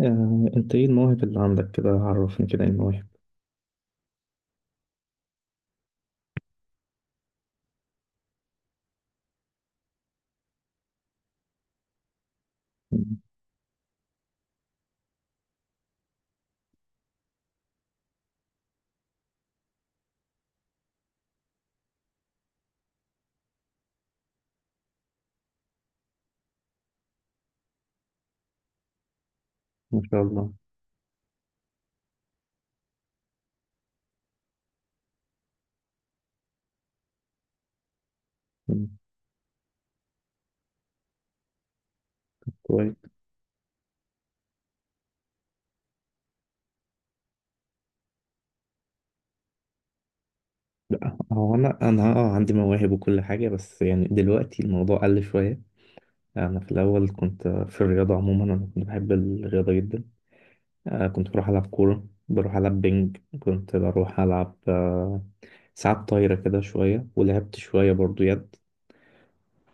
انت ايه المواهب اللي عندك كده؟ عرفني كده، ايه المواهب؟ مم، ما شاء الله. مم، كويس. لا هو انا عندي مواهب وكل حاجه، بس يعني دلوقتي الموضوع قل شويه. انا في الاول كنت في الرياضه عموما، انا كنت بحب الرياضه جدا. كنت بروح العب كوره، بروح العب بينج، كنت بروح العب ساعات طايره كده شويه، ولعبت شويه برضو يد.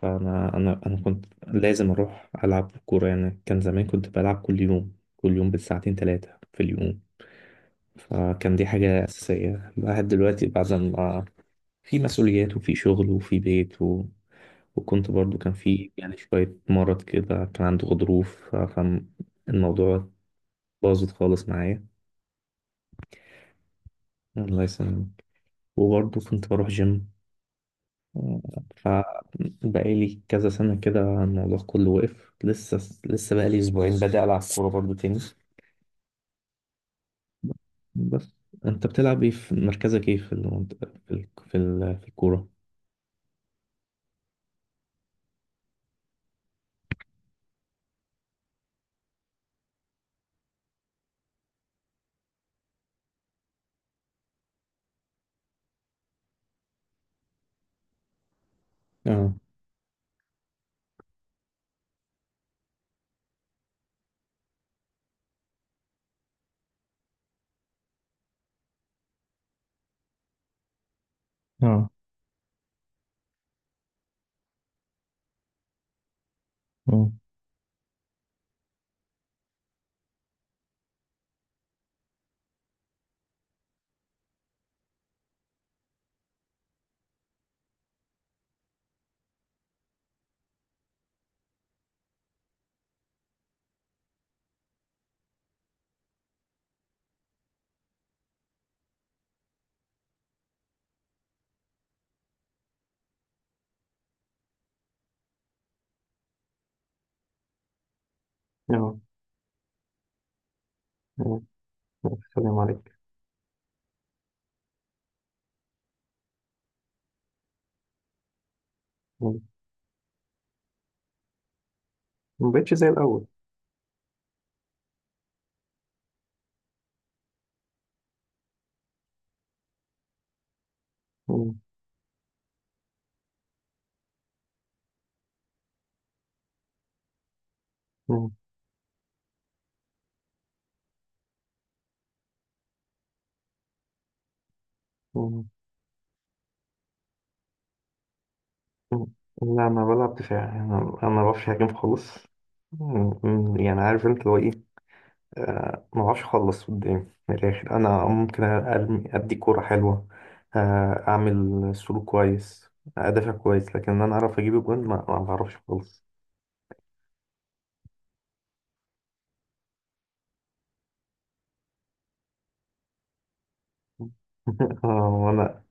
فانا انا انا كنت لازم اروح العب كوره، يعني كان زمان كنت بلعب كل يوم، كل يوم بالساعتين ثلاثه في اليوم. فكان دي حاجة أساسية. الواحد دلوقتي بعد ما في مسؤوليات وفي شغل وفي بيت و... وكنت برضو كان في يعني شوية مرض كده، كان عنده غضروف فالموضوع باظت خالص معايا. الله يسلمك. وبرضو كنت بروح جيم، فبقالي كذا سنة كده الموضوع كله وقف. لسه بقالي أسبوعين بدأ ألعب كورة برضو تاني. بس أنت بتلعب إيه؟ في مركزك إيه في المنطقة في في الكورة؟ اه. اه. آه. اه. اه. السلام عليك. آه، ما بقتش زي الأول. آه. آه، آه، آه. لا أنا بلعب دفاع، أنا ما بعرفش أهاجم خالص. يعني عارف أنت اللي هو إيه. ما بعرفش أخلص قدام، من الآخر أنا ممكن أدي كورة حلوة، أعمل سلوك كويس، أدافع كويس، لكن إن أنا أعرف أجيب الجون، ما بعرفش خالص. وأنا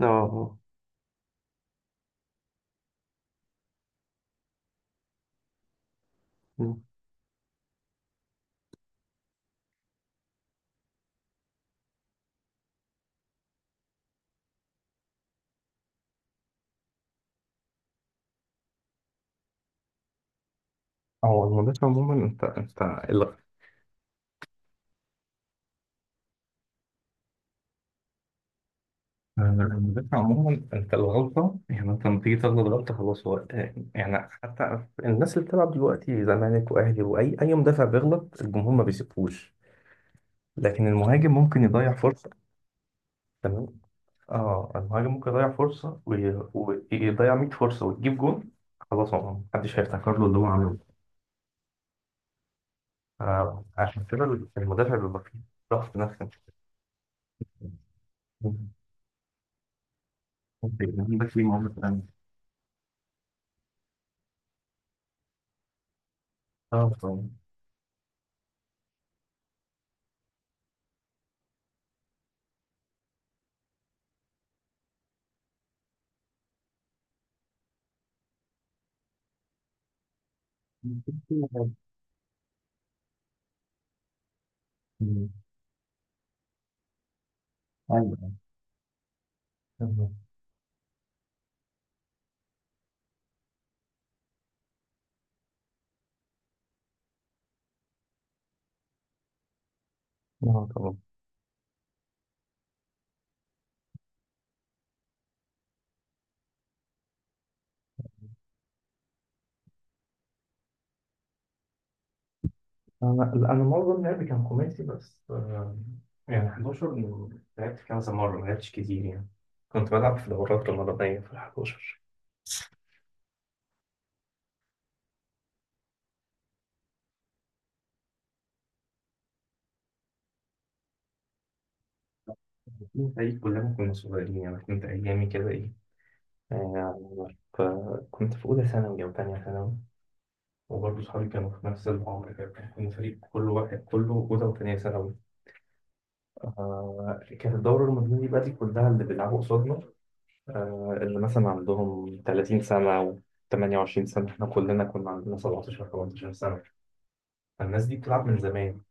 آه. آه، آه. هو المدافع عموما انت المذاكرة عموما، أنت الغلطة يعني، أنت لما تيجي تغلط غلطة خلاص. هو يعني حتى الناس اللي بتلعب دلوقتي، زمالك وأهلي، وأي أي مدافع بيغلط الجمهور ما بيسيبهوش، لكن المهاجم ممكن يضيع فرصة. تمام. أه المهاجم ممكن يضيع فرصة ويضيع 100 فرصة وتجيب جون، خلاص هو محدش هيفتكر له اللي هو عمله. عشان كده المدافع بيبقى فيه ضغط نفسي، عندك في مهمة تانية. اه طبعا. أمم. ايوه. اه طبعا. انا معظم لعبي كان خماسي بس، يعني 11 لعبت كذا مره، ما لعبتش كتير يعني. كنت بلعب في دورات رمضانيه في ال 11. كنا فريق كلنا كنا صغيرين، يعني كنت ايامي كده ايه، يعني كنت في اولى ثانوي او ثانيه ثانوي، وبرضه صحابي كانوا في نفس العمر كده. كنا فريق كل واحد كله اولى وثانيه ثانوي. آه كانت الدوره الرمضانيه بقى دي كلها اللي بيلعبوا قصادنا اللي مثلا عندهم 30 سنة أو 28 سنة، إحنا كلنا كنا عندنا 17 18 سنة. فالناس دي بتلعب من زمان،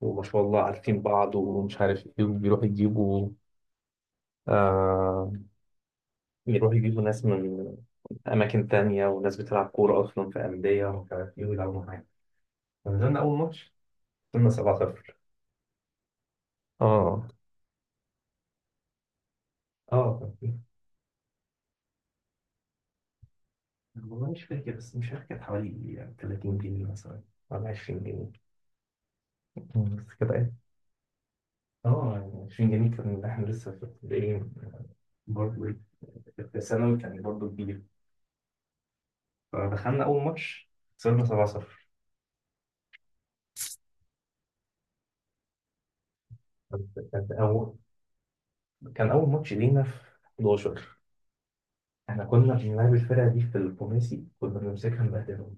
وما شاء الله عارفين بعض، ومش عارف إيه، وبيروحوا يجيبوا آه، يروحوا يجيبوا ناس من أماكن تانية، وناس بتلعب كورة أصلا في أندية ومش عارف إيه، ويلعبوا معانا. فنزلنا أول ماتش كنا 7-0. اه. اه كان فيه. والله مش فاكر، بس مش فاكر، كانت حوالي 30 جنيه مثلا ولا 20 جنيه، بس كده. اه 20 جنيه كان احنا لسه في ابتدائي، برضه إيه، في ثانوي كان برضه كبير. فدخلنا أول ماتش خسرنا 7-0. كان أول كان أول ماتش لينا في 11. احنا كنا بنلعب الفرقة دي في الخماسي كنا بنمسكها نبهدلهم.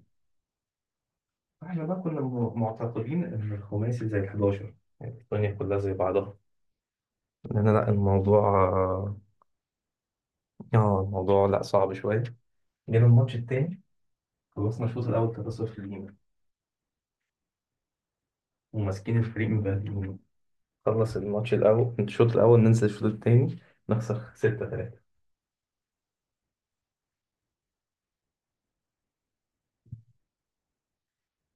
احنا بقى كنا معتقدين إن الخماسي زي ال 11، يعني الدنيا كلها زي بعضها، لأن لا الموضوع، اه الموضوع لا صعب شوية. جينا الماتش التاني، خلصنا الشوط الأول 3-0 لينا وماسكين الفريق مبهدلين. نخلص الماتش الأول الشوط الأول، ننزل الشوط التاني، نخسر ستة تلاتة.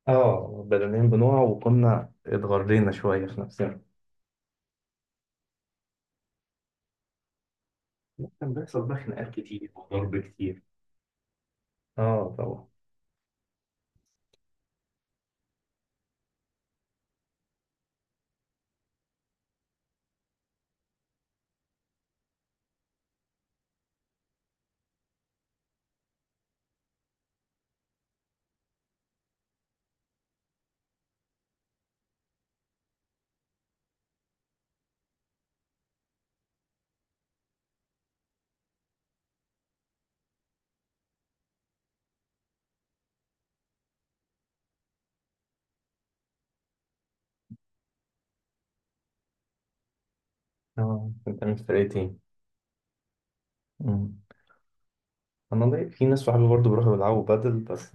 اه بدنيا بنوع، وكنا اتغرينا شوية في نفسنا. كان بيحصل بقى خناقات كتير وضرب كتير. اه طبعا. اه انت من فرقتين. أمم. انا في ناس صحابي برضه بيروحوا يلعبوا بادل بس،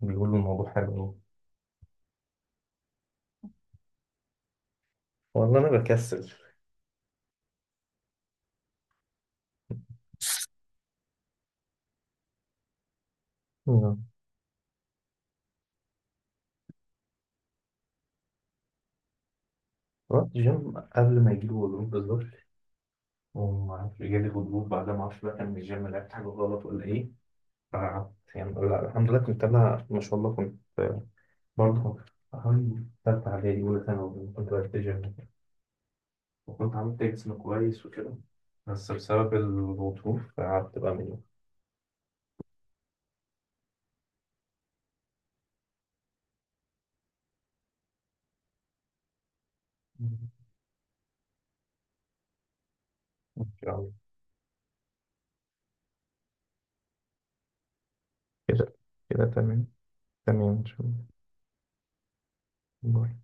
بيقولوا الموضوع حلو أوي. والله انا بكسل. أمم. رحت جيم قبل ما يجيلي غضروف بالظبط، وما اعرفش جالي غضروف بعدها، ما اعرفش بقى كان من الجيم لعبت حاجه غلط ولا ايه. آه. يعني لا الحمد لله كنت أنا، ما شاء الله كنت برضه حوالي تالتة إعدادي أولى ثانوي كنت بلتزم، وكنت عملت جسم كويس وكده. بس بسبب الظروف قعدت بقى منه. إن شاء الله. كده كده تمام. تمام إن شاء الله.